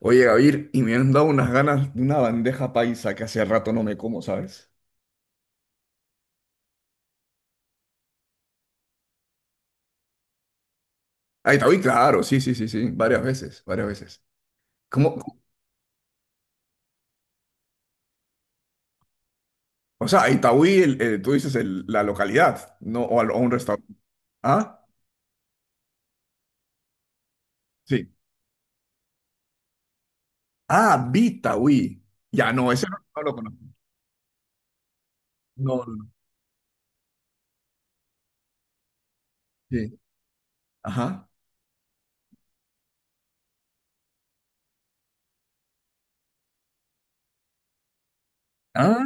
Oye, Gabriel, y me han dado unas ganas de una bandeja paisa que hace rato no me como, ¿sabes? Aitaúí, claro, sí, sí, sí, sí, varias veces, varias veces. ¿Cómo? ¿Cómo? O sea, Aitaúí, tú dices la localidad, ¿no? O, o un restaurante. ¿Ah? Sí. Ah, Bitaúí. Ya, no, ese no, no lo conozco. No, no, no. Sí. Ajá. Ah,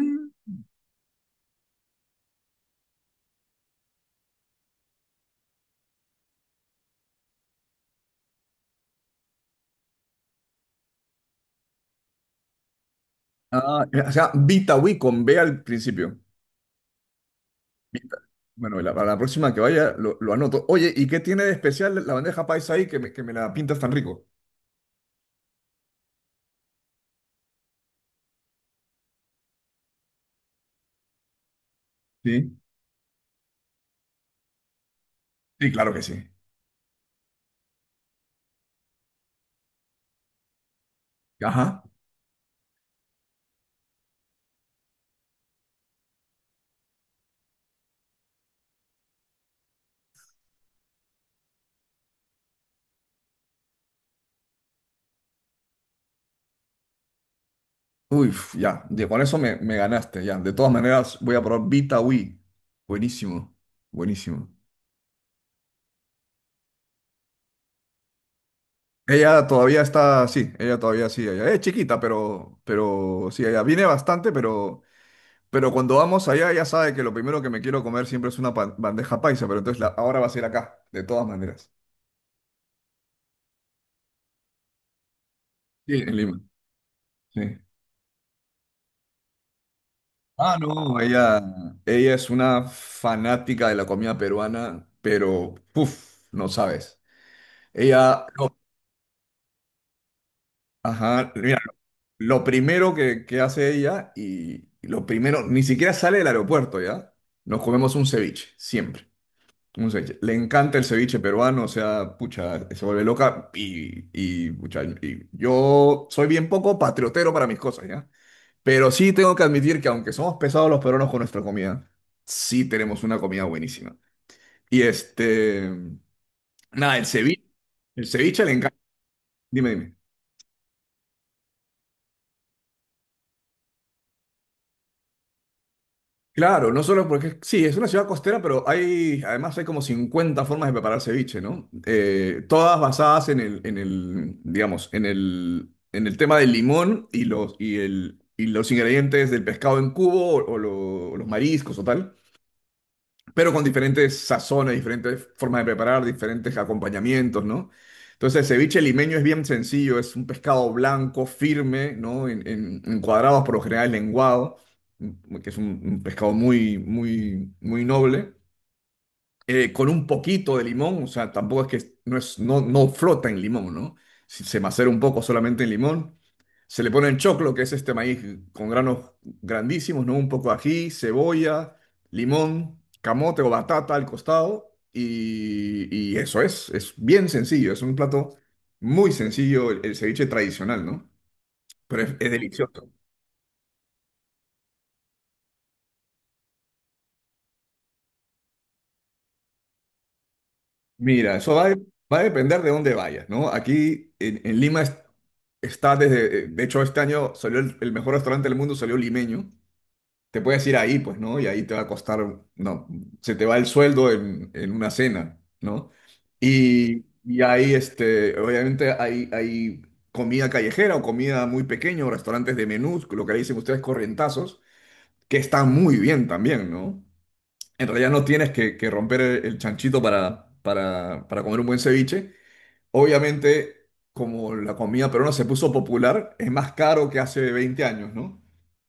o sea, Bitaúí con B al principio. Vita- Bueno, para la próxima que vaya lo anoto. Oye, ¿y qué tiene de especial la bandeja paisa ahí que que me la pintas tan rico? Sí. Sí, claro que sí. Ajá. Uy, ya. Con eso me ganaste, ya. De todas maneras, voy a probar Vita Wii. Buenísimo. Buenísimo. Ella todavía está, sí, ella todavía sí, ella es chiquita, pero sí, ella viene bastante, pero cuando vamos allá, ella sabe que lo primero que me quiero comer siempre es una bandeja paisa, pero entonces ahora va a ser acá, de todas maneras. Sí, en Lima. Sí. No, ella es una fanática de la comida peruana, pero, uff, no sabes. Ella. Ajá, mira, lo primero que hace ella y lo primero, ni siquiera sale del aeropuerto, ¿ya? Nos comemos un ceviche, siempre. Un ceviche. Le encanta el ceviche peruano, o sea, pucha, se vuelve loca pucha, y yo soy bien poco patriotero para mis cosas, ¿ya? Pero sí tengo que admitir que aunque somos pesados los peruanos con nuestra comida, sí tenemos una comida buenísima. Y este, nada, el ceviche le encanta. Dime, dime. Claro, no solo porque sí, es una ciudad costera, pero hay, además hay como 50 formas de preparar ceviche, ¿no? Todas basadas en el, digamos, en el tema del limón y los ingredientes del pescado en cubo o los mariscos o tal, pero con diferentes sazones, diferentes formas de preparar, diferentes acompañamientos, ¿no? Entonces, el ceviche limeño es bien sencillo, es un pescado blanco, firme, ¿no? En cuadrados, por lo general lenguado, que es un pescado muy noble, con un poquito de limón, o sea, tampoco es que no, es, no, no flota en limón, ¿no? Se macera un poco solamente en limón. Se le pone en choclo, que es este maíz con granos grandísimos, ¿no? Un poco de ají, cebolla, limón, camote o batata al costado. Y eso es bien sencillo, es un plato muy sencillo, el ceviche tradicional, ¿no? Pero es delicioso. Mira, eso va, a de- va a depender de dónde vayas, ¿no? Aquí en Lima está desde, de hecho este año salió el mejor restaurante del mundo, salió limeño. Te puedes ir ahí, pues, ¿no? Y ahí te va a costar, no, se te va el sueldo en una cena, ¿no? Y ahí, este, obviamente hay, hay comida callejera o comida muy pequeña o restaurantes de menús, lo que le dicen ustedes corrientazos, que están muy bien también, ¿no? En realidad no tienes que romper el chanchito para comer un buen ceviche. Obviamente, como la comida peruana se puso popular, es más caro que hace 20 años, ¿no?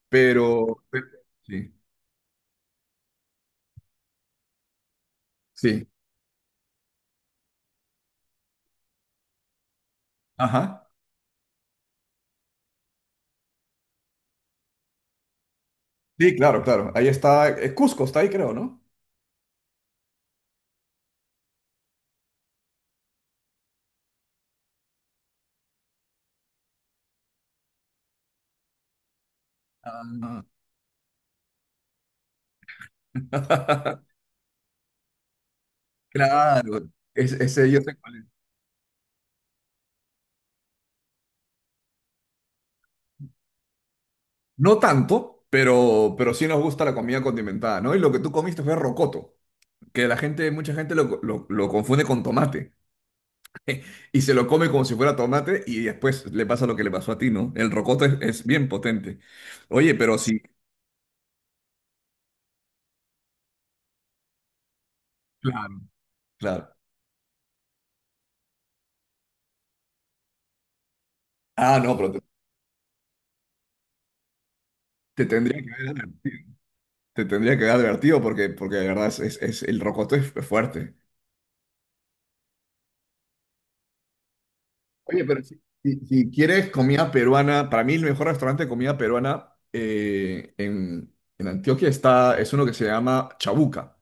Pero, pero- sí. Sí, ajá. Sí, claro, claro. Ahí está. Cusco está ahí, creo, ¿no? Ah. Claro, ese yo sé cuál es. No tanto, pero sí nos gusta la comida condimentada, ¿no? Y lo que tú comiste fue rocoto, que mucha gente lo confunde con tomate y se lo come como si fuera tomate y después le pasa lo que le pasó a ti, ¿no? El rocoto es bien potente. Oye, pero sí, claro, claro. No, te tendría que ver. Te tendría que haber advertido porque, porque de verdad es, el rocoto es fuerte. Oye, pero si quieres comida peruana, para mí el mejor restaurante de comida peruana en Antioquia está, es uno que se llama Chabuca.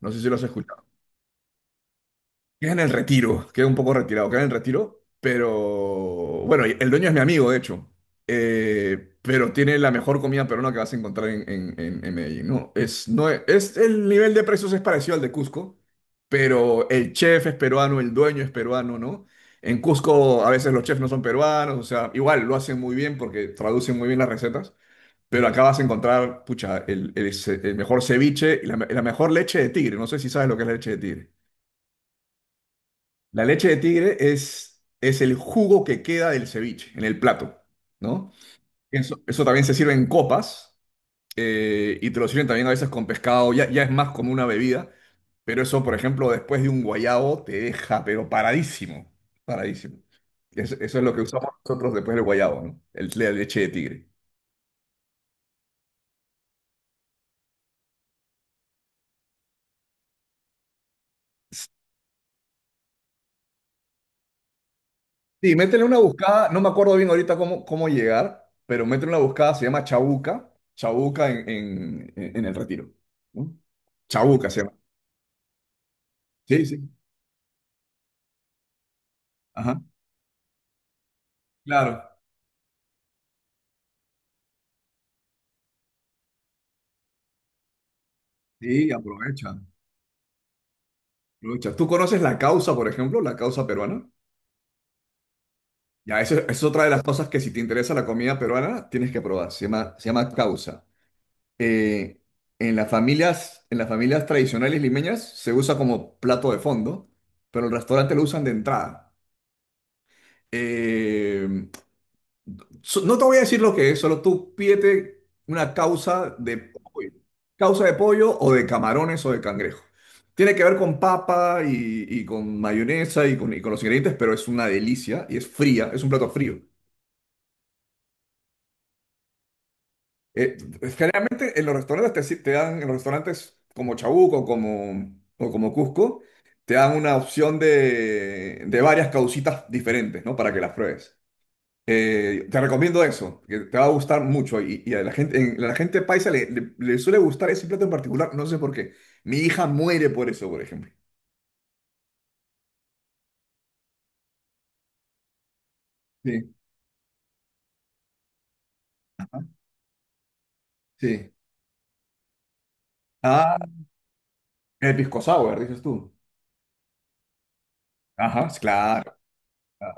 No sé si lo has escuchado. Queda en el Retiro, queda un poco retirado, queda en el Retiro, pero bueno, el dueño es mi amigo, de hecho. Pero tiene la mejor comida peruana que vas a encontrar en Medellín, ¿no? Es, no es, el nivel de precios es parecido al de Cusco, pero el chef es peruano, el dueño es peruano, ¿no? En Cusco a veces los chefs no son peruanos, o sea, igual lo hacen muy bien porque traducen muy bien las recetas, pero acá vas a encontrar, pucha, el mejor ceviche y la mejor leche de tigre, no sé si sabes lo que es la leche de tigre. La leche de tigre es el jugo que queda del ceviche en el plato, ¿no? Eso también se sirve en copas, y te lo sirven también a veces con pescado, ya, ya es más como una bebida, pero eso, por ejemplo, después de un guayabo te deja, pero paradísimo, paradísimo. Eso es lo que usamos nosotros después del guayabo, ¿no? La leche de tigre. Sí, métele una buscada, no me acuerdo bien ahorita cómo, cómo llegar, pero métele una buscada, se llama Chabuca, Chabuca en el Retiro, ¿no? Chabuca se llama. Sí, sí, ajá, claro. Sí, aprovecha, aprovecha. ¿Tú conoces la causa, por ejemplo, la causa peruana? Ya, eso eso es otra de las cosas que si te interesa la comida peruana, tienes que probar, se llama causa. Eh, en las familias, en las familias tradicionales limeñas se usa como plato de fondo, pero el restaurante lo usan de entrada. Eh, No te voy a decir lo que es, solo tú pídete una causa de pollo. Causa de pollo o de camarones o de cangrejo. Tiene que ver con papa y con mayonesa y con los ingredientes, pero es una delicia y es fría, es un plato frío. Eh, Generalmente en los restaurantes te, si- te dan, en los restaurantes como Chabuco como, o como Cusco, te dan una opción de varias causitas diferentes, ¿no? Para que las pruebes. Te recomiendo eso, que te va a gustar mucho. Y a la gente, la gente paisa le suele gustar ese plato en particular, no sé por qué. Mi hija muere por eso, por ejemplo. Sí, sí. Ah, el pisco sour, dices tú. Ajá, sí, claro. Ah.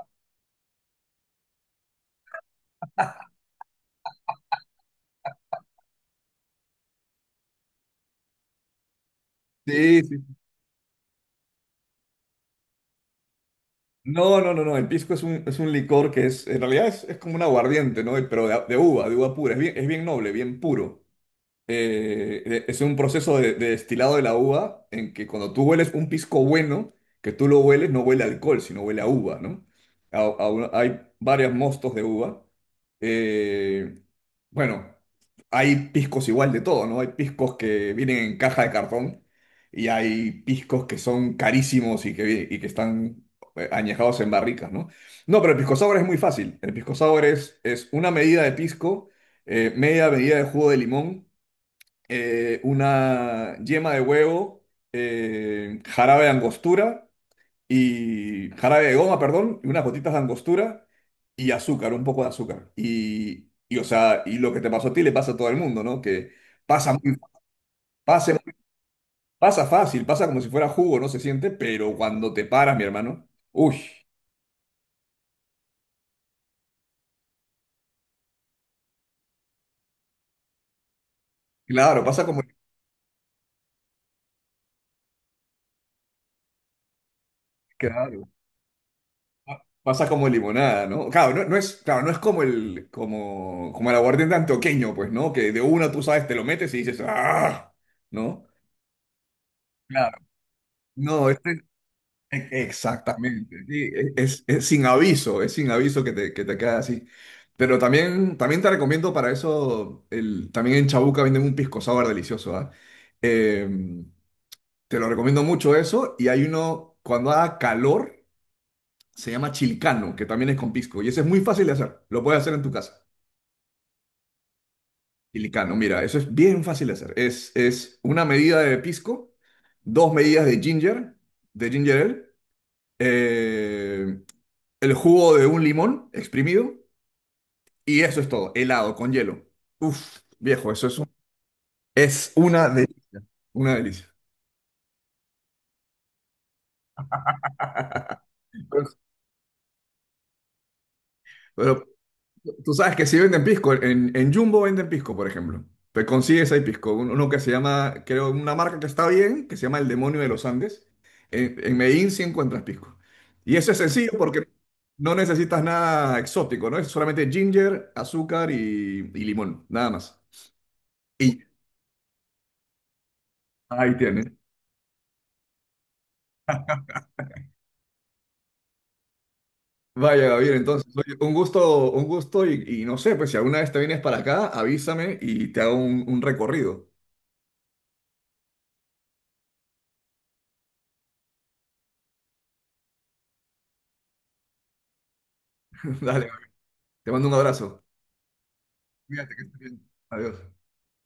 Sí, sí. No, no, no, no. El pisco es un licor que es, en realidad es como un aguardiente, ¿no? Pero de uva pura. Es bien noble, bien puro. eh, es un proceso de destilado de la uva en que cuando tú hueles un pisco bueno, que tú lo hueles, no huele a alcohol, sino huele a uva, ¿no? Hay varios mostos de uva. Eh, bueno, hay piscos igual de todo, ¿no? Hay piscos que vienen en caja de cartón y hay piscos que son carísimos y y que están añejados en barricas, ¿no? No, pero el pisco sour es muy fácil. El pisco sour es una medida de pisco, media medida de jugo de limón, una yema de huevo, jarabe de angostura y jarabe de goma, perdón, y unas gotitas de angostura y azúcar, un poco de azúcar. Y, o sea, y lo que te pasó a ti le pasa a todo el mundo, ¿no? Que pasa muy, pasa, muy- pasa fácil, pasa como si fuera jugo, no se siente, pero cuando te paras, mi hermano, uy, claro, pasa como... claro, pasa como limonada, ¿no? Claro, no, no es, claro, no es como el, como, como el aguardiente antioqueño, pues, ¿no? Que de una tú sabes, te lo metes y dices, ¡ah! ¿No? Claro. No, este, e- exactamente. Sí, es sin aviso que que te queda así. Pero también, también te recomiendo para eso, también en Chabuca venden un pisco sour delicioso, ¿ah? Eh, Te lo recomiendo mucho eso. Y hay uno, cuando haga calor, se llama chilicano, que también es con pisco, y ese es muy fácil de hacer, lo puedes hacer en tu casa. Chilicano, mira, eso es bien fácil de hacer. Es una medida de pisco, dos medidas de ginger ale, eh, el jugo de un limón exprimido, y eso es todo, helado con hielo. Uf, viejo, es una delicia, una delicia. Pero, tú sabes que sí venden pisco. En Jumbo venden pisco, por ejemplo. Te consigues ahí pisco. Uno que se llama, creo, una marca que está bien, que se llama El Demonio de los Andes. En Medellín sí encuentras pisco. Y eso es sencillo porque no necesitas nada exótico, ¿no? Es solamente ginger, azúcar y limón, nada más. Y ahí tienes. Vaya, Gabriel, entonces, oye, un gusto y no sé, pues si alguna vez te vienes para acá, avísame y te hago un recorrido. Dale, te mando un abrazo. Cuídate, que estés bien. Adiós.